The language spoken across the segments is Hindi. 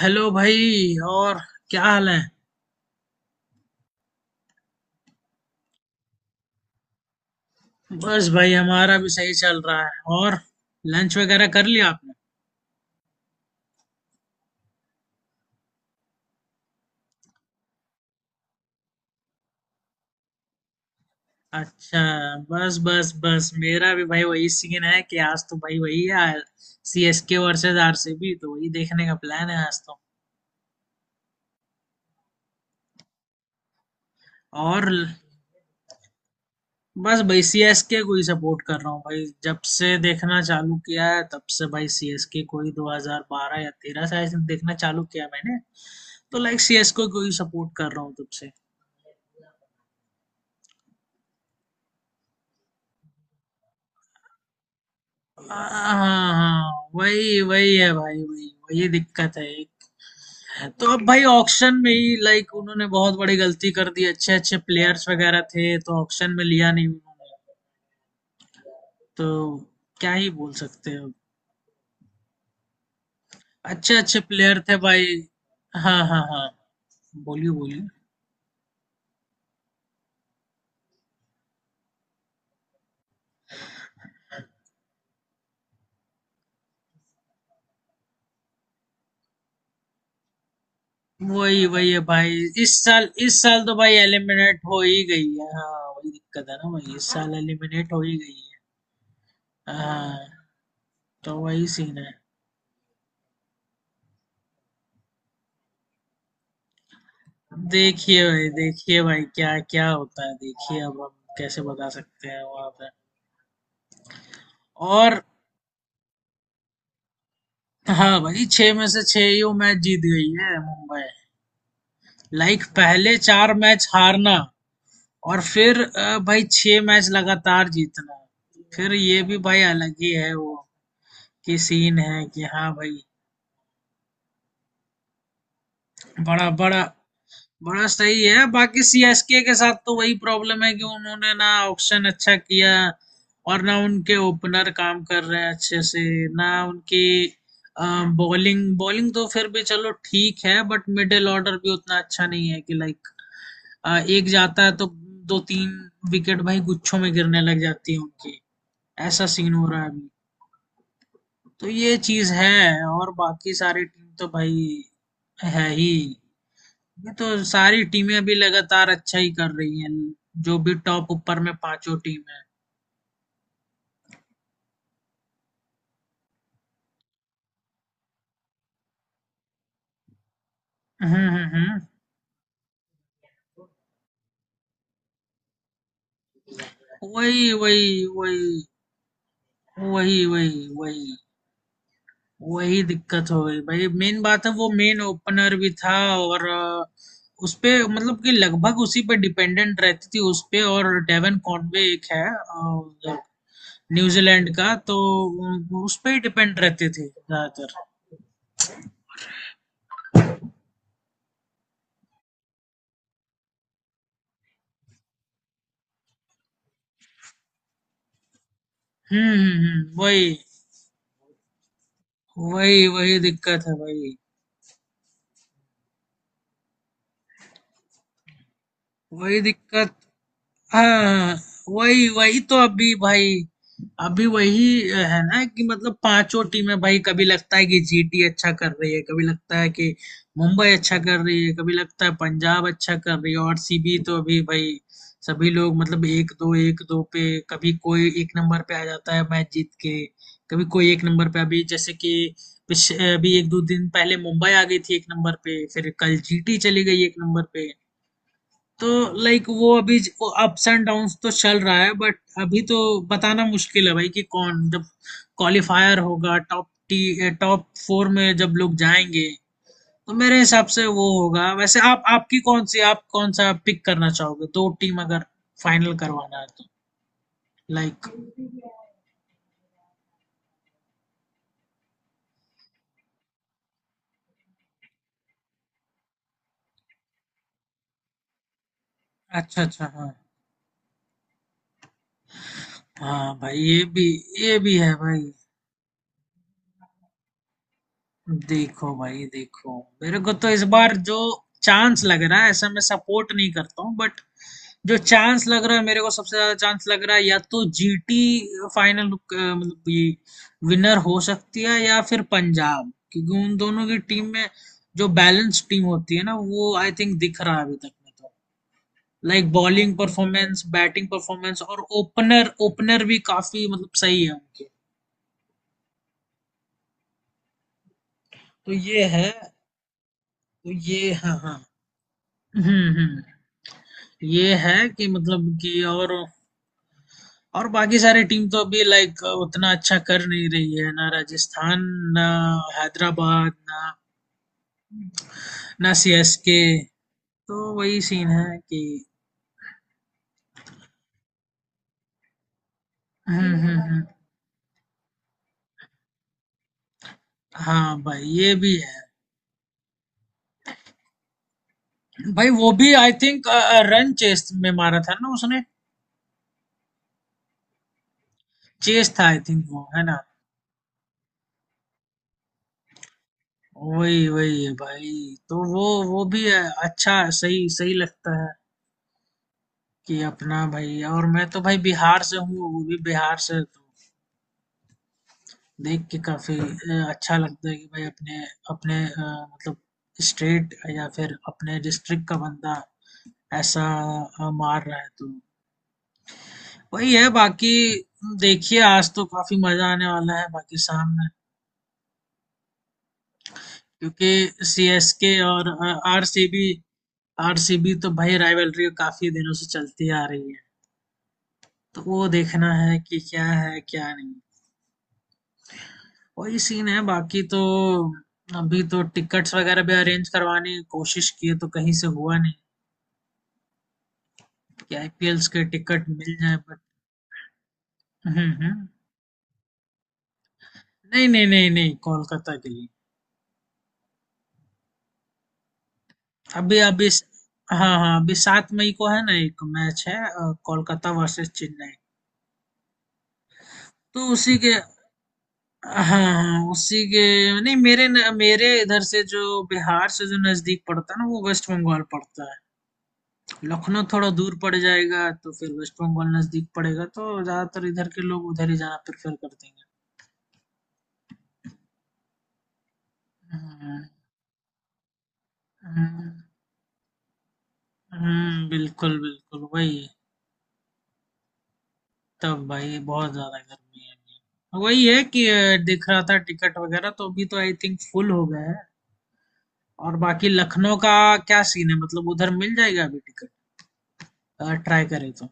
हेलो भाई। और क्या हाल है। बस भाई हमारा भी सही चल रहा है। और लंच वगैरह कर लिया आपने। अच्छा। बस बस बस मेरा भी भाई वही सीन है कि आज तो भाई वही है। C S K versus R C B तो वही देखने का प्लान है आज तो। और ल- बस भाई सी एस के को ही सपोर्ट कर रहा हूँ भाई, जब से देखना चालू किया है तब से भाई सी एस के को ही 2012 या 13 से I think देखना चालू किया मैंने। तो लाइक सी एस के को ही सपोर्ट कर रहा हूँ तब से। हाँ हाँ, हाँ, वही वही है भाई वही। वही दिक्कत है एक, तो अब भाई ऑक्शन में ही लाइक उन्होंने बहुत बड़ी गलती कर दी, अच्छे अच्छे प्लेयर्स वगैरह थे तो ऑक्शन में लिया नहीं उन्होंने। तो क्या ही बोल सकते हैं अब। अच्छे अच्छे प्लेयर थे भाई। हाँ हाँ हाँ, बोलिए बोलिए। वही वही है भाई, इस साल तो भाई एलिमिनेट हो ही गई है। हाँ वही दिक्कत है ना भाई, इस साल एलिमिनेट हो ही गई है। हाँ, तो वही सीन है। देखिए भाई क्या क्या होता है, देखिए अब हम कैसे बता सकते हैं वहां पे। और हाँ भाई छह में से छह ही वो मैच जीत गई है मुंबई। लाइक पहले चार मैच हारना और फिर भाई छह मैच लगातार जीतना, फिर ये भी भाई अलग ही है वो, कि सीन है कि हाँ भाई बड़ा बड़ा बड़ा सही है। बाकी सीएसके के साथ तो वही प्रॉब्लम है कि उन्होंने ना ऑक्शन अच्छा किया और ना उनके ओपनर काम कर रहे हैं अच्छे से, ना उनकी बॉलिंग। बॉलिंग तो फिर भी चलो ठीक है, बट मिडिल ऑर्डर भी उतना अच्छा नहीं है कि लाइक एक जाता है तो दो तीन विकेट भाई गुच्छों में गिरने लग जाती है उनकी। ऐसा सीन हो रहा है अभी। तो ये चीज है, और बाकी सारी टीम तो भाई है ही। ये तो सारी टीमें अभी लगातार अच्छा ही कर रही हैं। जो भी टॉप ऊपर में पांचों टीम है। हुँ, हुँ, हुँ। वही, वही, वही, वही, वही, वही। वही दिक्कत हो गई भाई। मेन बात है, वो मेन ओपनर भी था और उसपे मतलब कि लगभग उसी पे डिपेंडेंट रहती थी उसपे। और डेवन कॉनवे एक है न्यूजीलैंड का, तो उस पे ही डिपेंड रहते थे ज्यादातर। हुँ, हुँ, हुँ। वही, वही, वही दिक्कत है भाई। वही दिक्कत। हाँ, वही वही तो अभी भाई, अभी वही है ना कि मतलब पांचों टीमें भाई, कभी लगता है कि जीटी अच्छा कर रही है, कभी लगता है कि मुंबई अच्छा कर रही है, कभी लगता है पंजाब अच्छा कर रही है, और सीबी तो अभी भाई सभी लोग मतलब एक दो पे, कभी कोई एक नंबर पे आ जाता है मैच जीत के, कभी कोई एक नंबर पे। अभी जैसे कि अभी एक दो दिन पहले मुंबई आ गई थी एक नंबर पे, फिर कल जीटी चली गई एक नंबर पे। तो लाइक वो अभी ज वो अप्स एंड डाउन्स तो चल रहा है, बट अभी तो बताना मुश्किल है भाई कि कौन, जब क्वालिफायर होगा टॉप टी टॉप फोर में जब लोग जाएंगे तो मेरे हिसाब से वो होगा। वैसे आप आपकी कौन सी, आप कौन सा पिक करना चाहोगे, दो टीम अगर फाइनल करवाना है तो लाइक। अच्छा अच्छा, हाँ, हाँ भाई ये भी। ये भी है भाई, देखो भाई देखो, मेरे को तो इस बार जो चांस लग रहा है, ऐसा मैं सपोर्ट नहीं करता हूँ बट जो चांस लग रहा है मेरे को, सबसे ज्यादा चांस लग रहा है या तो जीटी फाइनल मतलब ये विनर हो सकती है या फिर पंजाब, क्योंकि उन दोनों की टीम में जो बैलेंस टीम होती है ना, वो आई थिंक दिख रहा है अभी तक में, तो like bowling performance batting performance और ओपनर, ओपनर भी काफी मतलब सही है उनके। तो ये है। तो ये हाँ हाँ। हम्म। ये है कि मतलब कि, और बाकी सारी टीम तो अभी लाइक उतना अच्छा कर नहीं रही है, ना राजस्थान ना हैदराबाद ना ना सीएसके। तो वही सीन है कि। हम्म हम्म हम्म, हाँ भाई ये भी है भाई। वो भी आई थिंक रन चेस में मारा था ना उसने, चेस था आई थिंक वो, है ना। वही वही है भाई। तो वो भी है, अच्छा सही सही लगता है कि अपना भाई, और मैं तो भाई बिहार से हूँ, वो भी बिहार से तो देख के काफ़ी अच्छा लगता है कि भाई अपने अपने मतलब स्टेट या फिर अपने डिस्ट्रिक्ट का बंदा ऐसा मार रहा है तो वही है बाकी। देखिए आज तो काफ़ी मज़ा आने वाला है, बाकी सामने क्योंकि सी एस के और R C B. R C B तो भाई राइवलरी काफ़ी दिनों से चलती आ रही है, तो वो देखना है कि क्या है क्या नहीं। वही सीन है बाकी तो। अभी तो टिकट्स वगैरह भी अरेंज करवाने की कोशिश किए तो कहीं से हुआ नहीं कि आईपीएल्स के टिकट मिल जाए, बट हम्म, नहीं नहीं नहीं नहीं, कोलकाता के लिए। अभी अभी हाँ हाँ, अभी सात मई को है ना एक मैच है, कोलकाता वर्सेस चेन्नई। तो उसी के, हाँ हाँ उसी के। नहीं मेरे न, मेरे इधर से जो बिहार से जो नजदीक पड़ता है ना, वो वेस्ट बंगाल पड़ता। लखनऊ थोड़ा दूर पड़ जाएगा, तो फिर वेस्ट बंगाल नजदीक पड़ेगा, तो ज्यादातर इधर के लोग उधर ही जाना प्रेफर करते हैं। हम्म, हम्म, बिल्कुल बिल्कुल वही। तब भाई बहुत ज्यादा गर्मी है अभी। वही है कि दिख रहा था टिकट वगैरह तो अभी तो आई थिंक फुल हो गया है। और बाकी लखनऊ का क्या सीन है, मतलब उधर मिल जाएगा अभी टिकट अगर ट्राई करें तो।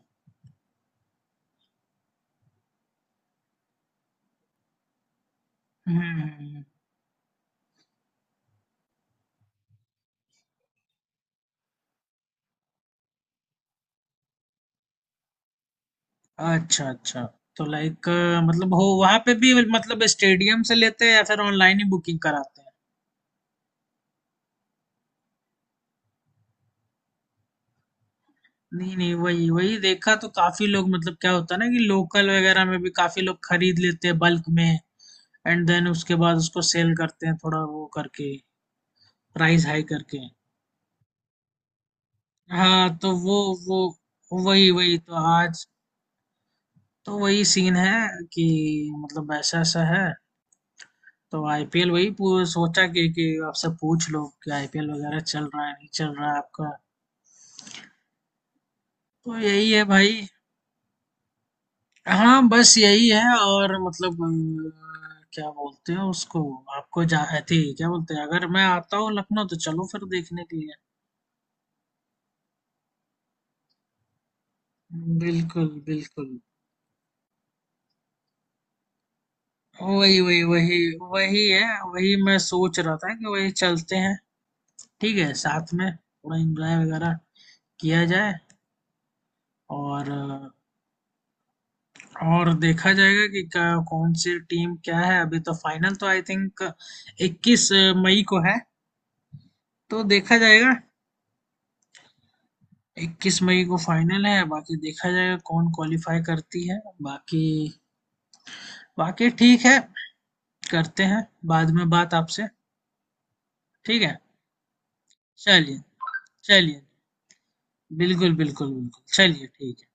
हम्म। अच्छा अच्छा, तो लाइक मतलब हो वहां पे भी, मतलब स्टेडियम से लेते हैं या फिर ऑनलाइन ही बुकिंग कराते हैं। नहीं नहीं, वही वही देखा तो काफी लोग मतलब क्या होता है ना, कि लोकल वगैरह में भी काफी लोग खरीद लेते हैं बल्क में, एंड देन उसके बाद उसको सेल करते हैं थोड़ा वो करके, प्राइस हाई करके। हाँ, तो वो, वही वही तो आज, तो वही सीन है कि मतलब ऐसा ऐसा है। तो आईपीएल वही सोचा कि आपसे पूछ लो कि आईपीएल वगैरह चल रहा है नहीं चल रहा है आपका। तो यही है भाई। हाँ बस यही है। और मतलब क्या बोलते हैं उसको, आपको जा थी क्या बोलते हैं, अगर मैं आता हूँ लखनऊ तो चलो फिर देखने के लिए। बिल्कुल बिल्कुल, वही वही वही, वही है वही, मैं सोच रहा था कि वही चलते हैं। ठीक है, साथ में थोड़ा एंजॉय वगैरह किया जाए, और और देखा जाएगा कि कौन सी टीम क्या है। अभी तो फाइनल तो आई थिंक इक्कीस मई को है, तो देखा जाएगा। 21 मई को फाइनल है, बाकी देखा जाएगा कौन क्वालिफाई करती है। बाकी बाकी ठीक है, करते हैं बाद में बात आपसे। ठीक है, चलिए चलिए, बिल्कुल बिल्कुल बिल्कुल, चलिए ठीक है।